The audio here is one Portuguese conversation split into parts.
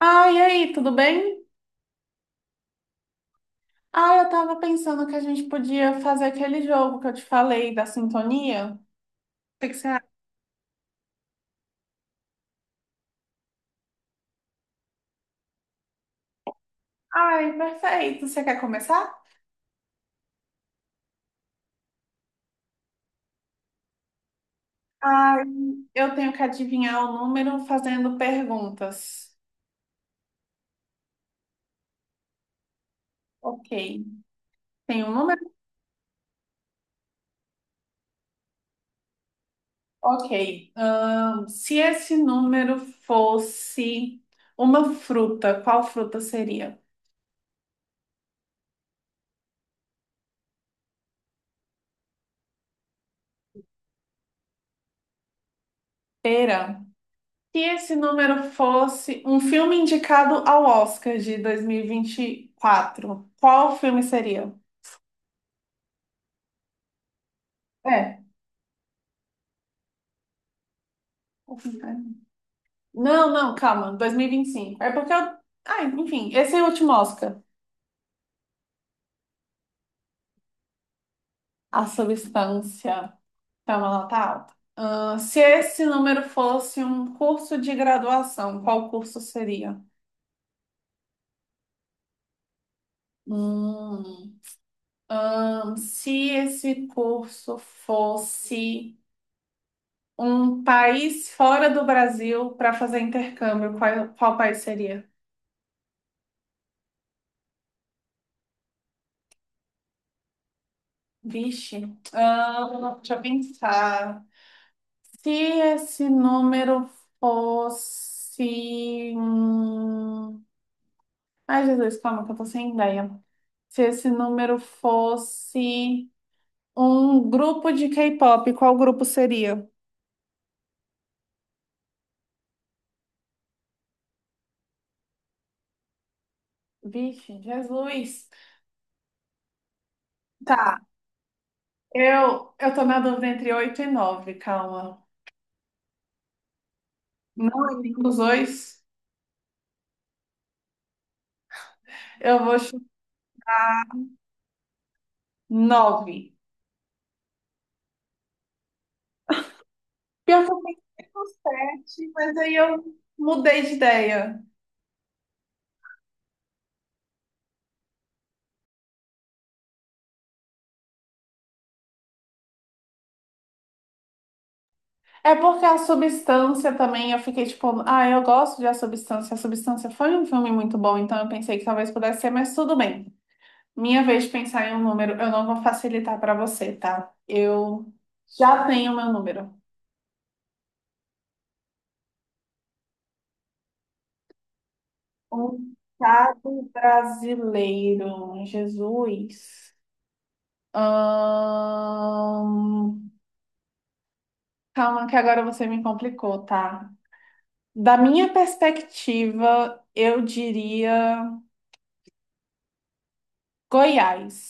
Ah, e aí, tudo bem? Ah, eu tava pensando que a gente podia fazer aquele jogo que eu te falei da sintonia. O que que você acha? Ai, perfeito. Você quer começar? Ai, eu tenho que adivinhar o número fazendo perguntas. Ok. Tem um número? Ok. Se esse número fosse uma fruta, qual fruta seria? Pera. Se esse número fosse um filme indicado ao Oscar de 2024, qual filme seria? É. O filme, né? Não, calma, 2025. É porque eu. Ah, enfim, esse é o último Oscar. A substância. Calma, ela tá alta. Ah, se esse número fosse um curso de graduação, qual curso seria? Hum, Se esse curso fosse. Um país fora do Brasil para fazer intercâmbio, qual, qual país seria? Vixe, ah, deixa eu pensar. Se esse número fosse. Ai, Jesus, calma, que eu tô sem ideia. Se esse número fosse um grupo de K-pop, qual grupo seria? Vixe, Jesus. Tá, eu tô na dúvida entre 8 e 9 calma. Não é nenhum dos dois. Eu vou Nove. Pior que eu pensei com sete, mas aí eu mudei de ideia. É porque a substância também, eu fiquei tipo, ah, eu gosto de A Substância. A Substância foi um filme muito bom, então eu pensei que talvez pudesse ser, mas tudo bem. Minha vez de pensar em um número, eu não vou facilitar para você, tá? Eu já tenho meu número. Um estado brasileiro, Jesus. Ahn, Calma, que agora você me complicou, tá? Da minha perspectiva, eu diria Goiás,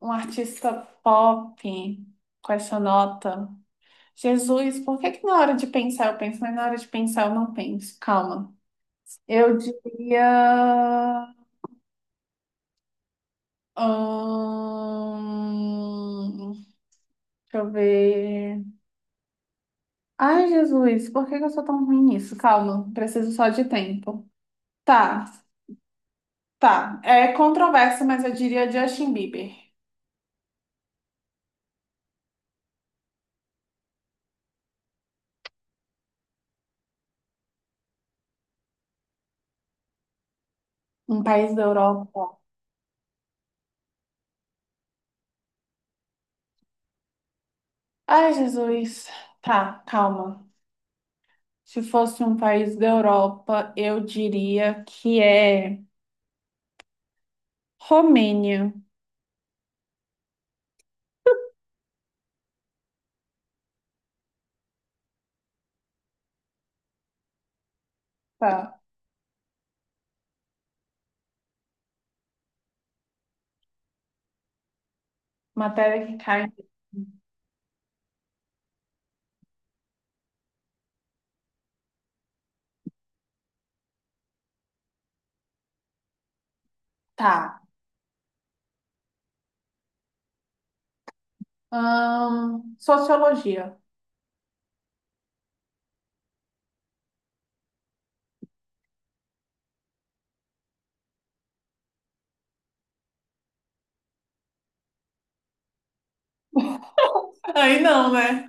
um artista pop com essa nota. Jesus, por que que na hora de pensar eu penso, mas na hora de pensar eu não penso? Calma. Eu diria. Hum, Deixa eu ver. Ai, Jesus, por que que eu sou tão ruim nisso? Calma, preciso só de tempo. Tá, tá. É controverso, mas eu diria Justin Bieber, um país da Europa. Ai, Jesus. Tá, calma. Se fosse um país da Europa, eu diria que é Romênia. Tá. Matéria que cai. Tá. Sociologia. Aí não, né?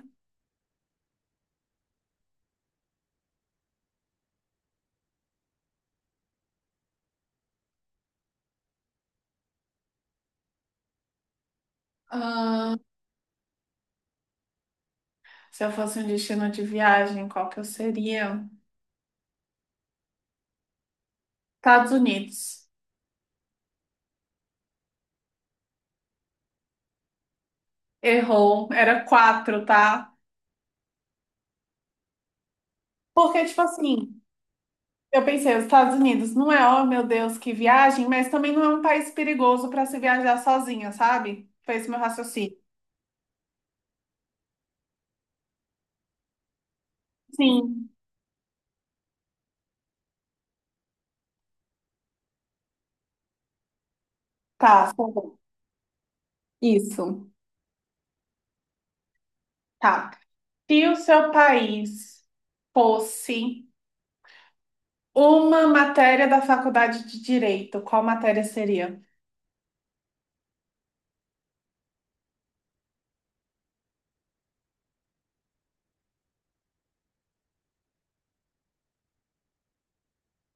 Ahn, Se eu fosse um destino de viagem, qual que eu seria? Estados Unidos. Errou. Era quatro, tá? Porque, tipo assim, eu pensei, os Estados Unidos não é, oh meu Deus, que viagem, mas também não é um país perigoso para se viajar sozinha, sabe? Foi esse meu raciocínio. Sim, tá bom. Isso, tá. Se o seu país fosse uma matéria da faculdade de Direito, qual matéria seria?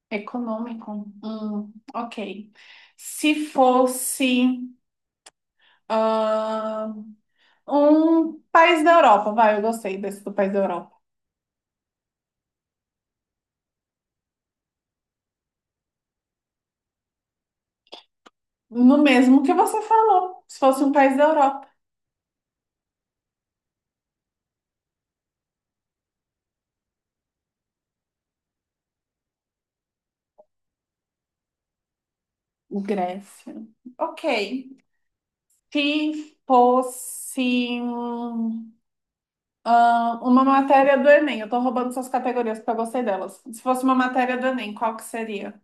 Econômico? Ok. Se fosse ah, Um país da Europa, vai, eu gostei desse do país da Europa. No mesmo que você falou, se fosse um país da Europa. Grécia. Ok. Se fosse ah, Uma matéria do Enem, eu tô roubando suas categorias porque eu gostei delas. Se fosse uma matéria do Enem, qual que seria?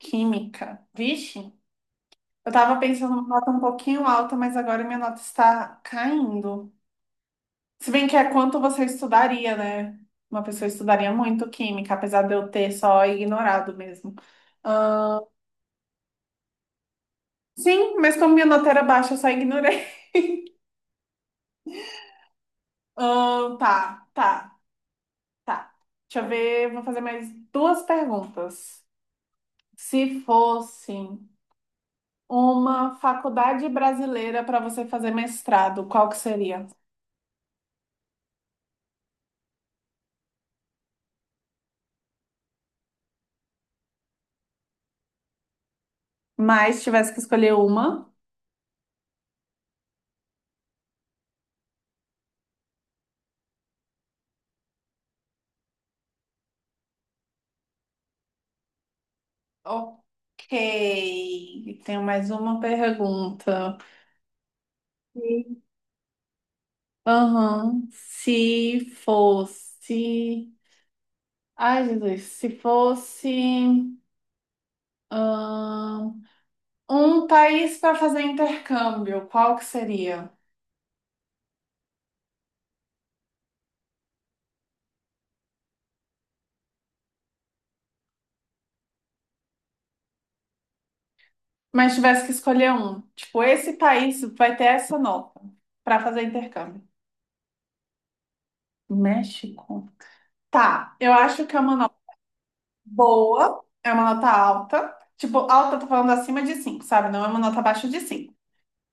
Química. Vixe, eu tava pensando numa nota um pouquinho alta, mas agora minha nota está caindo. Se bem que é quanto você estudaria, né? Uma pessoa estudaria muito química, apesar de eu ter só ignorado mesmo. Sim, mas como minha nota era baixa, eu só ignorei. Ahn, tá, tá, tá. Deixa eu ver, vou fazer mais duas perguntas. Se fosse uma faculdade brasileira para você fazer mestrado, qual que seria? Mas tivesse que escolher uma. Ok, tenho mais uma pergunta. Sim. Aham. Se fosse. Ai, Jesus, se fosse. ahn, Um país para fazer intercâmbio, qual que seria? Mas tivesse que escolher um, tipo, esse país vai ter essa nota para fazer intercâmbio. México. Tá, eu acho que é uma nota boa, é uma nota alta. Tipo, alta, eu tô falando acima de 5, sabe? Não é uma nota abaixo de 5.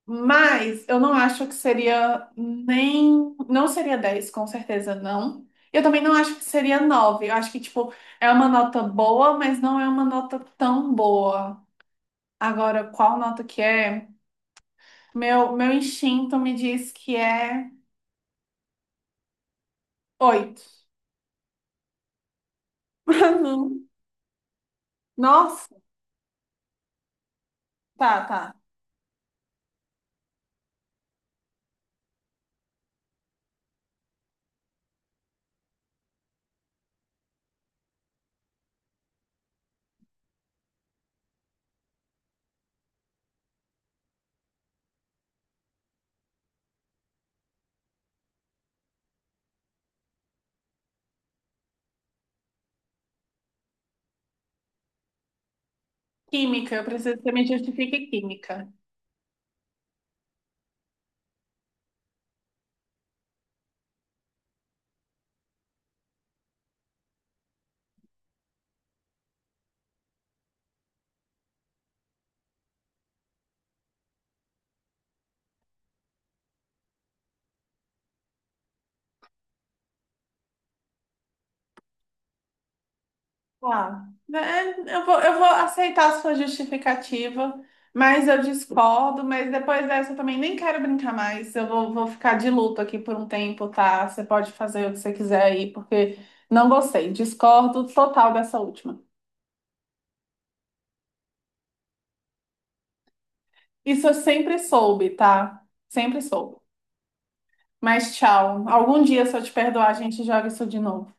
Mas eu não acho que seria nem. Não seria 10 com certeza não. Eu também não acho que seria 9. Eu acho que, tipo, é uma nota boa, mas não é uma nota tão boa. Agora, qual nota que é? Meu instinto me diz que é oito. Nossa, tá. Química, eu preciso que você me justifique química. Tá. Eu vou aceitar a sua justificativa, mas eu discordo, mas depois dessa eu também nem quero brincar mais. Eu vou, vou ficar de luto aqui por um tempo, tá? Você pode fazer o que você quiser aí, porque não gostei. Discordo total dessa última. Isso eu sempre soube, tá? Sempre soube. Mas tchau. Algum dia, se eu te perdoar, a gente joga isso de novo.